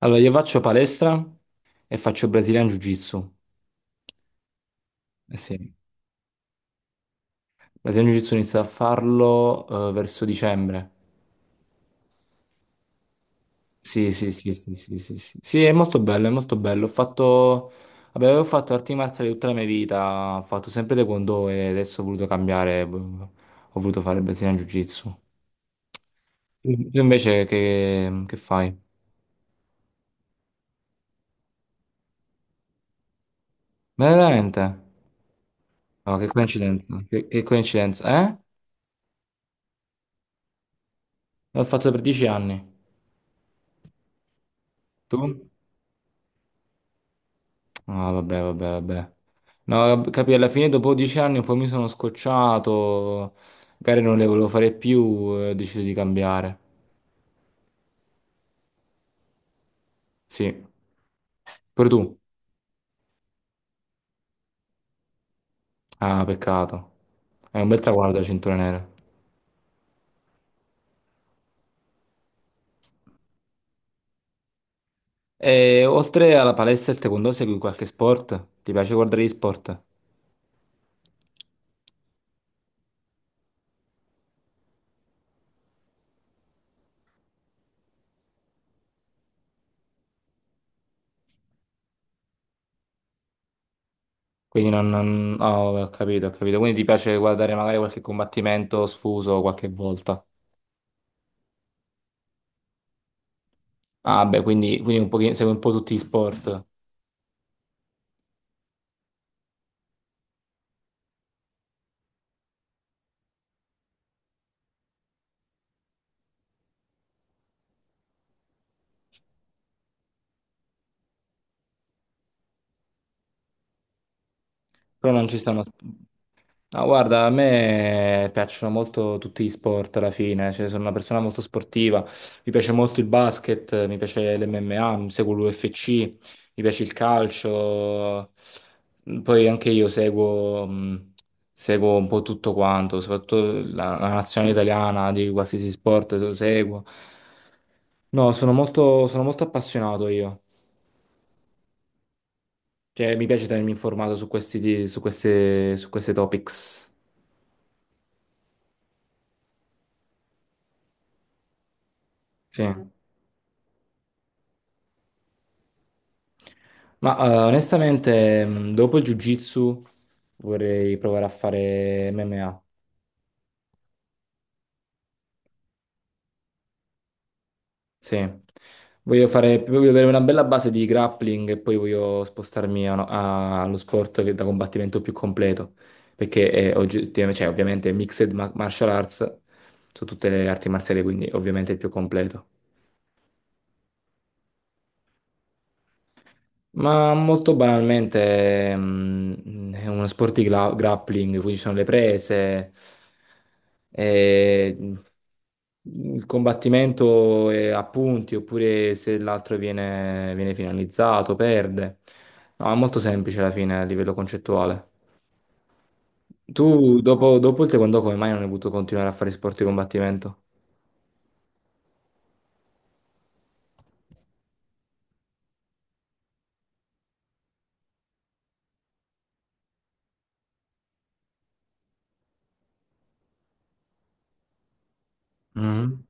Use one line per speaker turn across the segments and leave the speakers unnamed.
Allora, io faccio palestra e faccio Brazilian Jiu-Jitsu. Eh sì, Brazilian Jiu-Jitsu inizio a farlo verso dicembre. Sì, sì, sì, sì, sì, sì, sì. Sì, sì, è molto bello, è molto bello. Vabbè, avevo fatto arti marziali tutta la mia vita, ho fatto sempre Taekwondo e adesso ho voluto cambiare, boh, ho voluto fare Brazilian Jiu-Jitsu. Tu invece che fai? Ma veramente? No, che coincidenza, che coincidenza, eh? L'ho fatto per 10 anni. Tu? Ah, vabbè, vabbè, vabbè. No, capì, alla fine dopo 10 anni poi mi sono scocciato, magari non le volevo fare più e ho deciso di cambiare. Sì, pure tu. Ah, peccato. È un bel traguardo la cintura nera. E oltre alla palestra e al taekwondo segui qualche sport? Ti piace guardare gli sport? Quindi non... non... Oh, ho capito, ho capito. Quindi ti piace guardare magari qualche combattimento sfuso qualche volta? Ah, beh, quindi un pochino, segui un po' tutti gli sport, però non ci stanno. No, guarda, a me piacciono molto tutti gli sport alla fine, cioè, sono una persona molto sportiva, mi piace molto il basket, mi piace l'MMA, mi seguo l'UFC, mi piace il calcio, poi anche io seguo un po' tutto quanto, soprattutto la nazionale italiana di qualsiasi sport lo seguo. No, sono molto appassionato io, cioè mi piace tenermi informato su questi, su queste topics, sì. Ma onestamente, dopo il Jiu-Jitsu vorrei provare a fare MMA. Sì. Voglio fare, voglio avere una bella base di grappling e poi voglio spostarmi allo sport che è da combattimento più completo, perché è oggettivamente, cioè, ovviamente mixed martial arts su tutte le arti marziali, quindi ovviamente è il più completo. Ma molto banalmente è uno sport di grappling, quindi ci sono le prese, e il combattimento è a punti, oppure se l'altro viene finalizzato, perde. No, è molto semplice alla fine a livello concettuale. Tu dopo, dopo il taekwondo come mai non hai voluto continuare a fare sport di combattimento? Mm.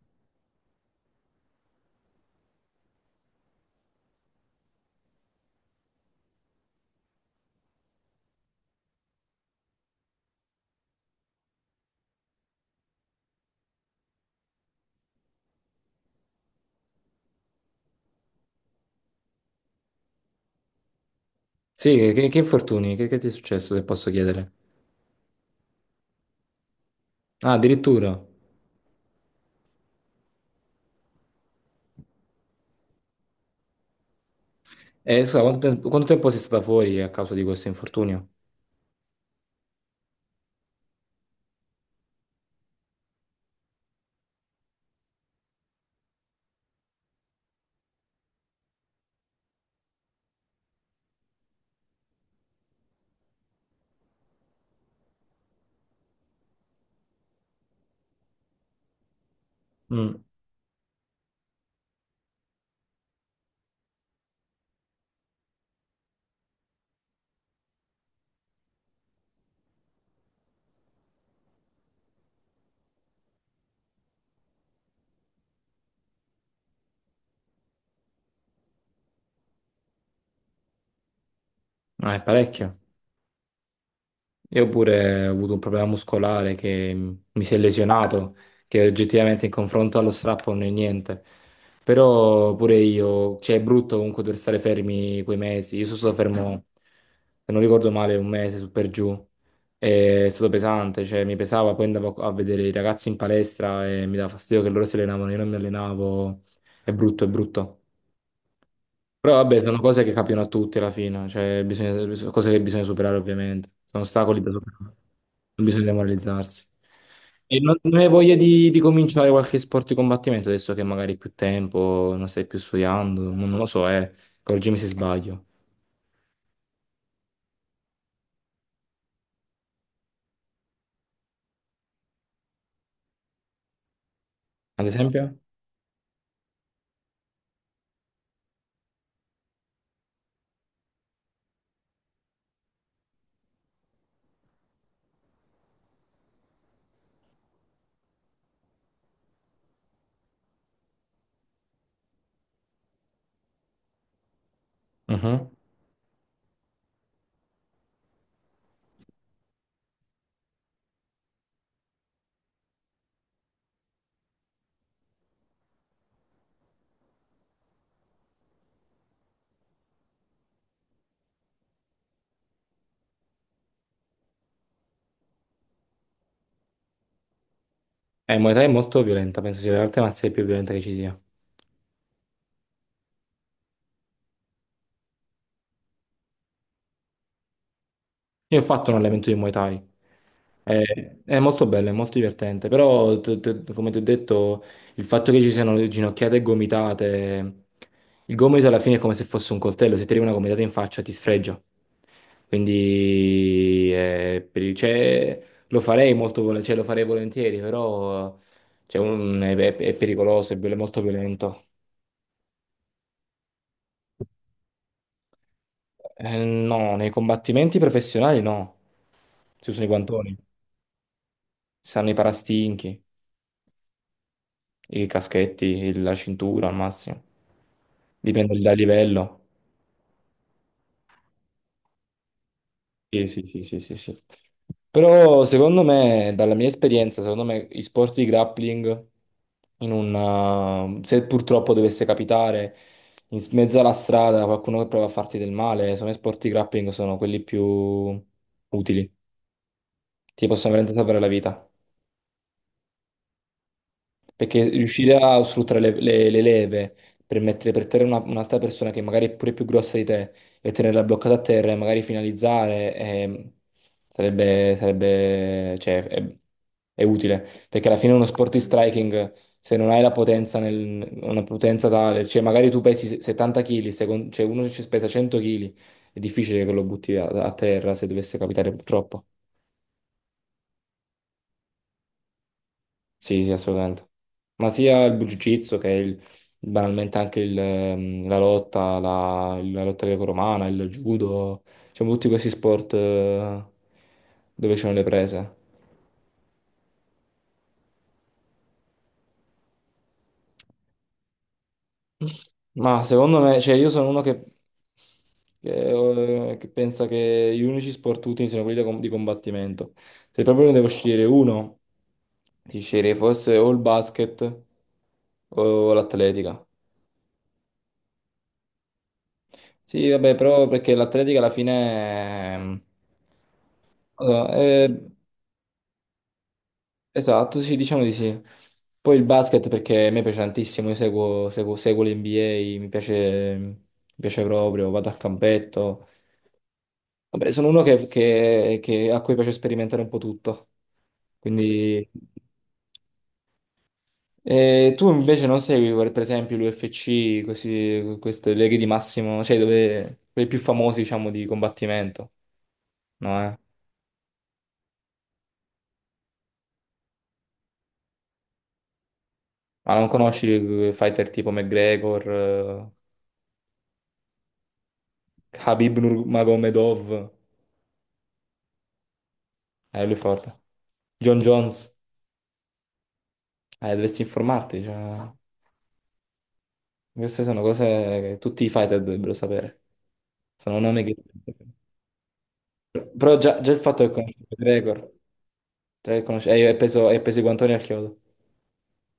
Sì, che infortuni? Che ti è successo se posso chiedere? Ah, addirittura. E scusa, quanto tempo sei stata fuori a causa di questo infortunio? Mm. Ah, è parecchio. Io pure ho avuto un problema muscolare che mi si è lesionato, che oggettivamente in confronto allo strappo non è niente. Però pure io, cioè è brutto comunque dover stare fermi quei mesi. Io sono stato fermo, se non ricordo male, un mese su per giù. E È stato pesante, cioè mi pesava, poi andavo a vedere i ragazzi in palestra e mi dava fastidio che loro si allenavano, io non mi allenavo. È brutto, è brutto. Però vabbè, sono cose che capitano a tutti alla fine, cioè cose che bisogna superare ovviamente, sono ostacoli da superare, non bisogna demoralizzarsi. E non hai voglia di cominciare qualche sport di combattimento adesso che magari hai più tempo, non stai più studiando, non lo so, correggimi se sbaglio. Ad esempio? Mhm. Muay Thai è molto violenta, penso sia l'arte marziale più violenta che ci sia. Io ho fatto un allenamento di Muay Thai. È, è molto bello, è molto divertente, però come ti ho detto, il fatto che ci siano le ginocchiate e gomitate, il gomito alla fine è come se fosse un coltello, se ti arriva una gomitata in faccia ti sfregia. Quindi cioè, lo farei molto vol- cioè, lo farei volentieri, però cioè, è pericoloso, molto violento. No, nei combattimenti professionali no, si usano i guantoni, si usano i parastinchi. I caschetti, la cintura al massimo. Dipende dal livello. Sì, sì, sì, sì, sì, sì. Però secondo me, dalla mia esperienza, secondo me i sport di grappling, in un, se purtroppo dovesse capitare mezzo alla strada qualcuno che prova a farti del male, secondo me sport di grappling sono quelli più utili. Ti possono veramente salvare la vita. Perché riuscire a sfruttare le leve per mettere per terra un'altra persona che magari è pure più grossa di te e tenerla bloccata a terra e magari finalizzare cioè, è utile. Perché alla fine uno sport di striking, se non hai la potenza, una potenza tale, cioè magari tu pesi 70 kg, cioè uno ci pesa 100 kg, è difficile che lo butti a terra se dovesse capitare purtroppo. Sì, sì, assolutamente. Ma sia il Jiu-Jitsu che banalmente anche la lotta, la lotta greco-romana, il judo, diciamo tutti questi sport dove ci sono le prese. Ma secondo me, cioè io sono uno che pensa che gli unici sport utili siano quelli da di combattimento. Se proprio ne devo scegliere uno, ti sceglierei forse o il basket o l'atletica. Sì, vabbè, però perché l'Atletica alla fine, allora, esatto, sì, diciamo di sì. Poi il basket perché a me piace tantissimo, io seguo l'NBA, mi piace proprio, vado al campetto. Vabbè, sono uno a cui piace sperimentare un po' tutto. Quindi... Tu invece non segui, per esempio, l'UFC, queste leghe di massimo, cioè dove, quelli più famosi, diciamo, di combattimento, no? Eh? Ma non conosci fighter tipo McGregor, Khabib Nurmagomedov? Lui è forte. John Jones? Dovresti informarti, cioè, queste sono cose che tutti i fighter dovrebbero sapere. Sono nomi che. Però già, già il fatto che conosci McGregor, già che conosci. E hai peso i guantoni al chiodo.